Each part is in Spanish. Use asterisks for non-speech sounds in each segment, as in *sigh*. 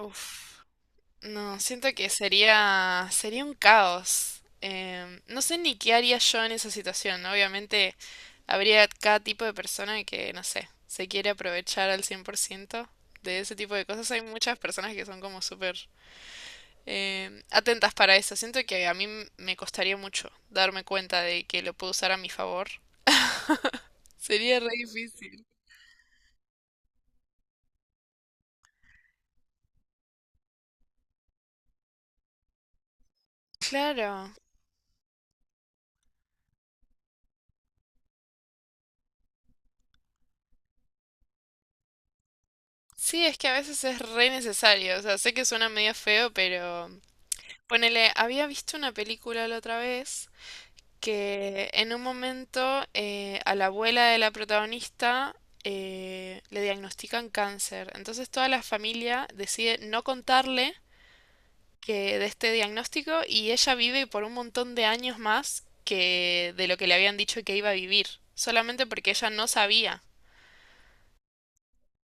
Uf, no, siento que sería un caos. No sé ni qué haría yo en esa situación. ¿No? Obviamente habría cada tipo de persona que, no sé, se quiere aprovechar al 100% de ese tipo de cosas. Hay muchas personas que son como súper atentas para eso. Siento que a me costaría mucho darme cuenta de que lo puedo usar a mi favor. Sería re difícil. Claro. Sí, es que a veces es re necesario. O sea, sé que suena medio feo, pero... Ponele, había visto una película la otra vez que en un momento a la abuela de la protagonista le diagnostican cáncer. Entonces toda la familia decide no contarle que de este diagnóstico y ella vive por un montón de años más que de lo que le habían dicho que iba a vivir, solamente porque ella no sabía.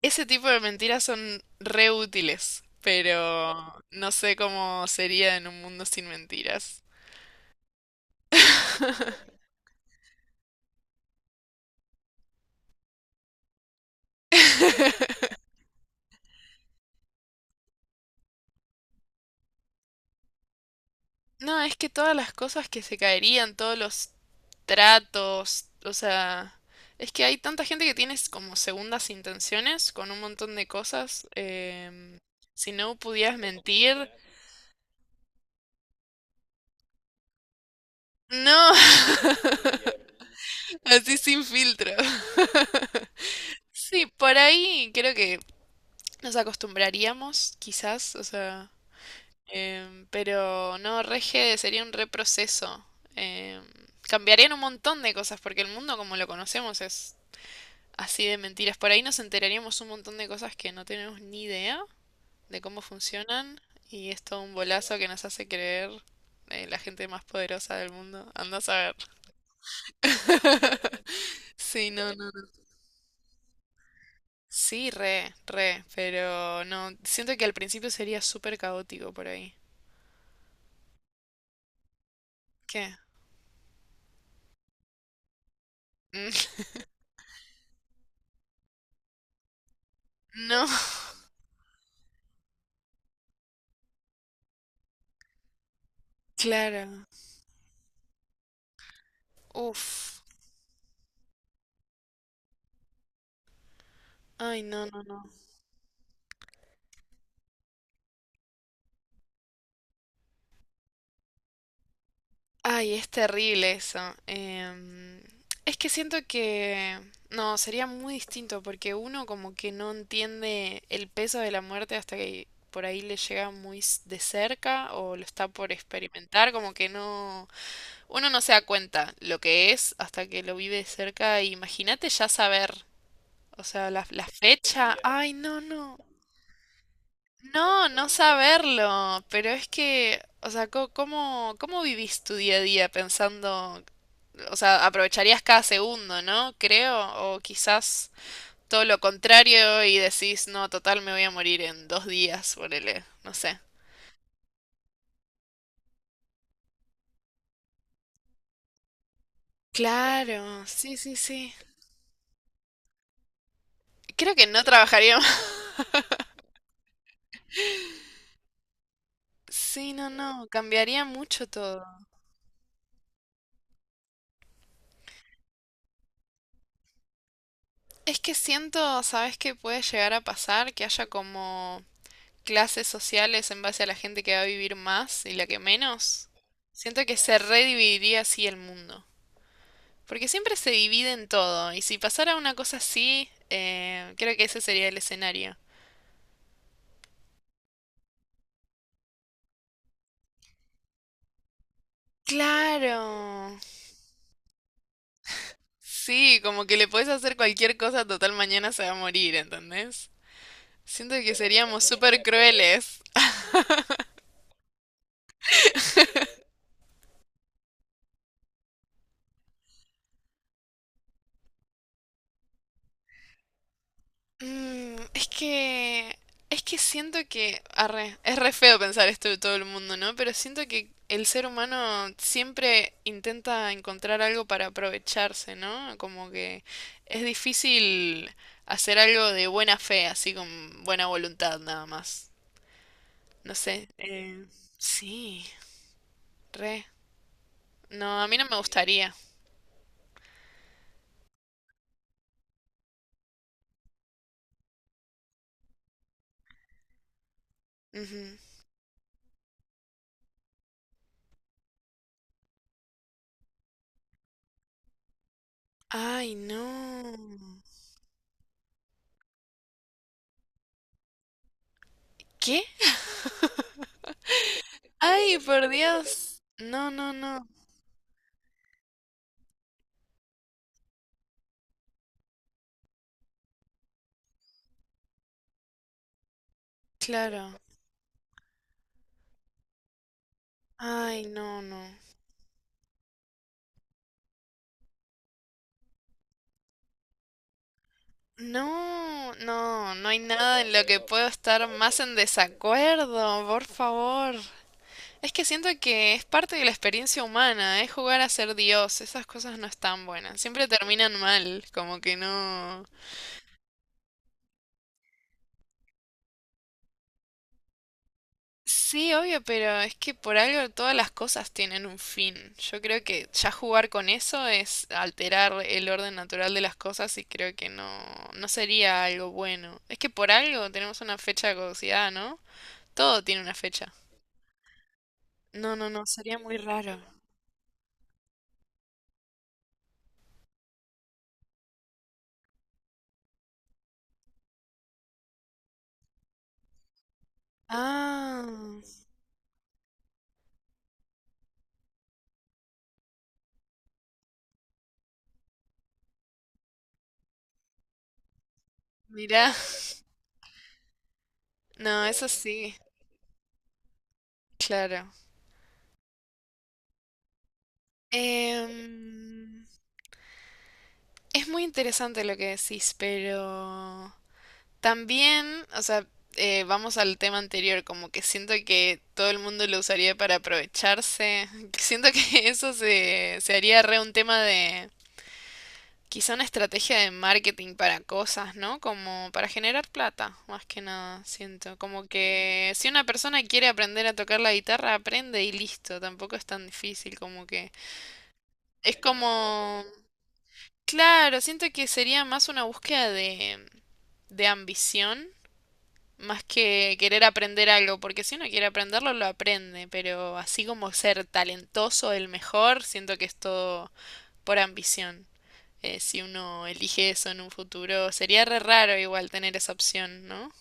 Ese tipo de mentiras son re útiles, pero no sé cómo sería en un mundo sin mentiras. *laughs* No, es que todas las cosas que se caerían, todos los tratos, o sea, es que hay tanta gente que tiene como segundas intenciones con un montón de cosas. em, si no pudieras mentir, no, *laughs* así sin filtro. *laughs* Sí, por ahí creo que nos acostumbraríamos, quizás, o sea, pero no, rege sería un reproceso. em, cambiarían un montón de cosas, porque el mundo como lo conocemos es así de mentiras. Por ahí nos enteraríamos un montón de cosas que no tenemos ni idea de cómo funcionan y es todo un bolazo que nos hace creer la gente más poderosa del mundo. Anda a saber. *laughs* Sí, no, no, no. Sí, re, re, pero no, siento que al principio sería súper caótico por ahí. ¿Qué? Mm, *laughs* No, *laughs* claro. Uf. Ay, no, no, no. Ay, es terrible eso. em, es que siento que... No, sería muy distinto porque uno como que no entiende el peso de la muerte hasta que por ahí le llega muy de cerca o lo está por experimentar, como que no... Uno no se da cuenta lo que es hasta que lo vive de cerca. Imagínate ya saber, o sea, la fecha. Ay, no, no. No, no saberlo, pero es que, o sea, ¿cómo, cómo vivís tu día a día pensando, o sea, aprovecharías cada segundo, ¿no? Creo, o quizás todo lo contrario y decís, no, total, me voy a morir en dos días, ponele, no sé. Claro, sí, sí, sí. Creo que no trabajaría más. *laughs* Sí, no, no, cambiaría mucho todo. Es que siento, ¿sabes qué puede llegar a pasar? Que haya como clases sociales en base a la gente que va a vivir más y la que menos, siento que se redividiría así el mundo. Porque siempre se divide en todo, y si pasara una cosa así, creo que ese sería el escenario. Claro. Sí, como que le podés hacer cualquier cosa, total mañana se va a morir, ¿entendés? Siento que seríamos súper crueles. Mm, es que. Es que siento que. Arre, es re feo pensar esto de todo el mundo, ¿no? Pero siento que el ser humano siempre intenta encontrar algo para aprovecharse, ¿no? Como que es difícil hacer algo de buena fe, así con buena voluntad nada más. No sé. Sí, re. No, a mí no me gustaría. Ujú. Ay, no. ¿Qué? Ay, por Dios. No, no, no. Claro. Ay, no, no. No, no, no hay nada en lo que puedo estar más en desacuerdo, por favor. Es que siento que es parte de la experiencia humana, es jugar a ser Dios, esas cosas no están buenas, siempre terminan mal, como que no... Sí, obvio, pero es que por algo todas las cosas tienen un fin. Yo creo que ya jugar con eso es alterar el orden natural de las cosas y creo que no, no sería algo bueno. Es que por algo tenemos una fecha de caducidad, ¿no? Todo tiene una fecha. No, no, no, sería muy raro. Ah, mirá. No, eso sí, claro. Em, es muy interesante lo que decís, pero también, o sea, vamos al tema anterior, como que siento que todo el mundo lo usaría para aprovecharse. *laughs* Siento que eso se haría re un tema de, Quizá una estrategia de marketing para cosas, ¿no? Como para generar plata, más que nada, siento. Como que si una persona quiere aprender a tocar la guitarra, aprende y listo. Tampoco es tan difícil como que... Es como... Claro, siento que sería más una búsqueda de ambición, más que querer aprender algo, porque si uno quiere aprenderlo, lo aprende, pero así como ser talentoso, el mejor, siento que es todo por ambición. Si uno elige eso en un futuro. Sería re raro igual tener esa opción, ¿no?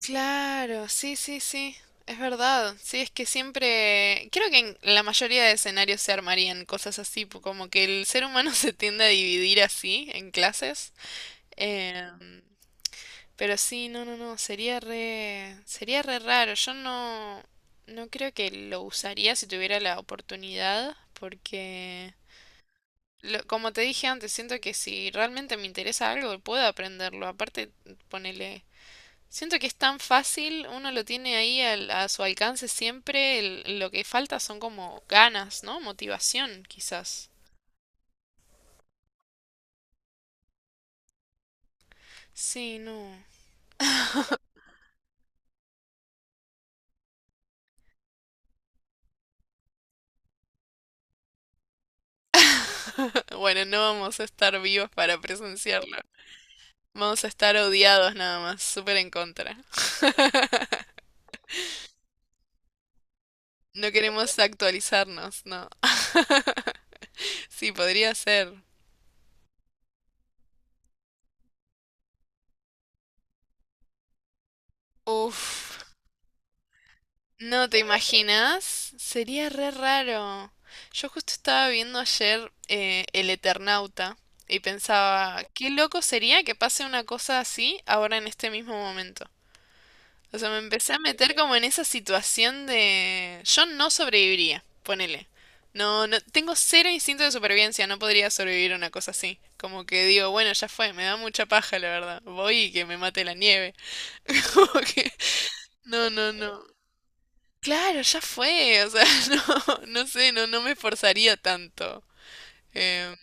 Claro, sí, sí, sí, es verdad. Sí, es que siempre, creo que en la mayoría de escenarios se armarían cosas así, como que el ser humano *laughs* se tiende a dividir así en clases. Em, pero sí, no, no, no, sería re raro. Yo no, no creo que lo usaría si tuviera la oportunidad, porque como te dije antes, siento que si realmente me interesa algo, puedo aprenderlo. Aparte, ponele, siento que es tan fácil, uno lo tiene ahí a su alcance siempre, lo que falta son como ganas, ¿no? Motivación, quizás. Sí, no. *laughs* Bueno, no vamos a estar vivos para presenciarlo. Vamos a estar odiados nada más, súper en contra. *laughs* No queremos actualizarnos, no. *laughs* Sí, podría ser. Uf. No, ¿te imaginas? Sería re raro. Yo justo estaba viendo ayer El Eternauta y pensaba, qué loco sería que pase una cosa así ahora en este mismo momento. O sea, me empecé a meter como en esa situación de... Yo no sobreviviría, ponele. No, no, tengo cero instinto de supervivencia, no podría sobrevivir a una cosa así. Como que digo, bueno, ya fue, me da mucha paja, la verdad. Voy y que me mate la nieve. *laughs* Como que... No, no, no. Claro, ya fue, o sea, *laughs* no, no sé, no, no me esforzaría tanto. Em,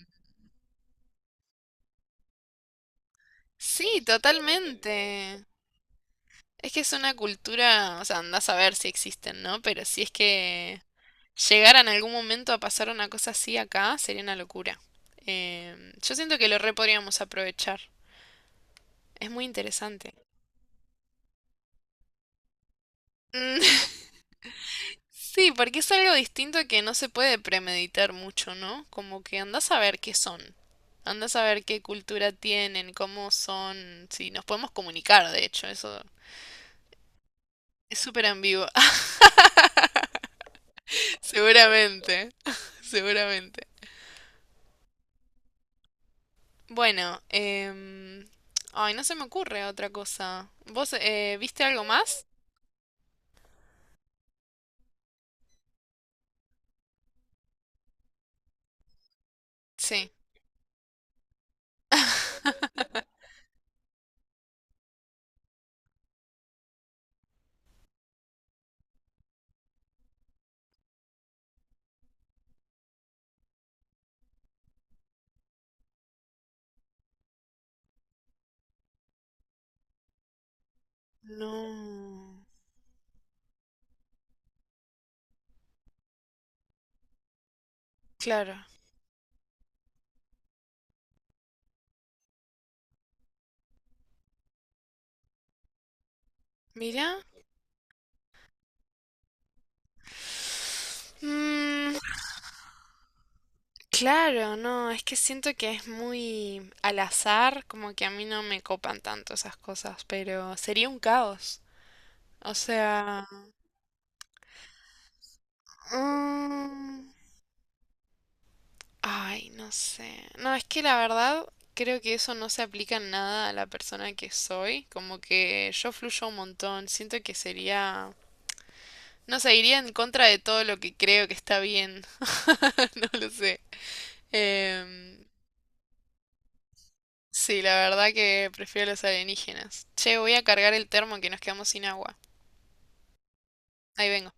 sí, totalmente. Es que es una cultura, o sea, andás a ver si existen, ¿no? Pero si es que llegara en algún momento a pasar una cosa así acá, sería una locura. Yo siento que lo re podríamos aprovechar. Es muy interesante. *laughs* Sí, porque es algo distinto que no se puede premeditar mucho, ¿no? Como que andás a ver qué son, andás a ver qué cultura tienen, cómo son, si nos podemos comunicar, de hecho, eso es súper ambiguo. *laughs* Seguramente, seguramente. Bueno, ay, no se me ocurre otra cosa. ¿Vos viste algo más? Sí. *laughs* No. Claro. Mira. Claro, no, es que siento que es muy al azar, como que a mí no me copan tanto esas cosas, pero sería un caos. O sea, mm, ay, no sé. No, es que la verdad creo que eso no se aplica en nada a la persona que soy, como que yo fluyo un montón, siento que sería, no sé, iría en contra de todo lo que creo que está bien. *laughs* No lo sé. Em, Sí, la verdad que prefiero los alienígenas. Che, voy a cargar el termo que nos quedamos sin agua. Ahí vengo.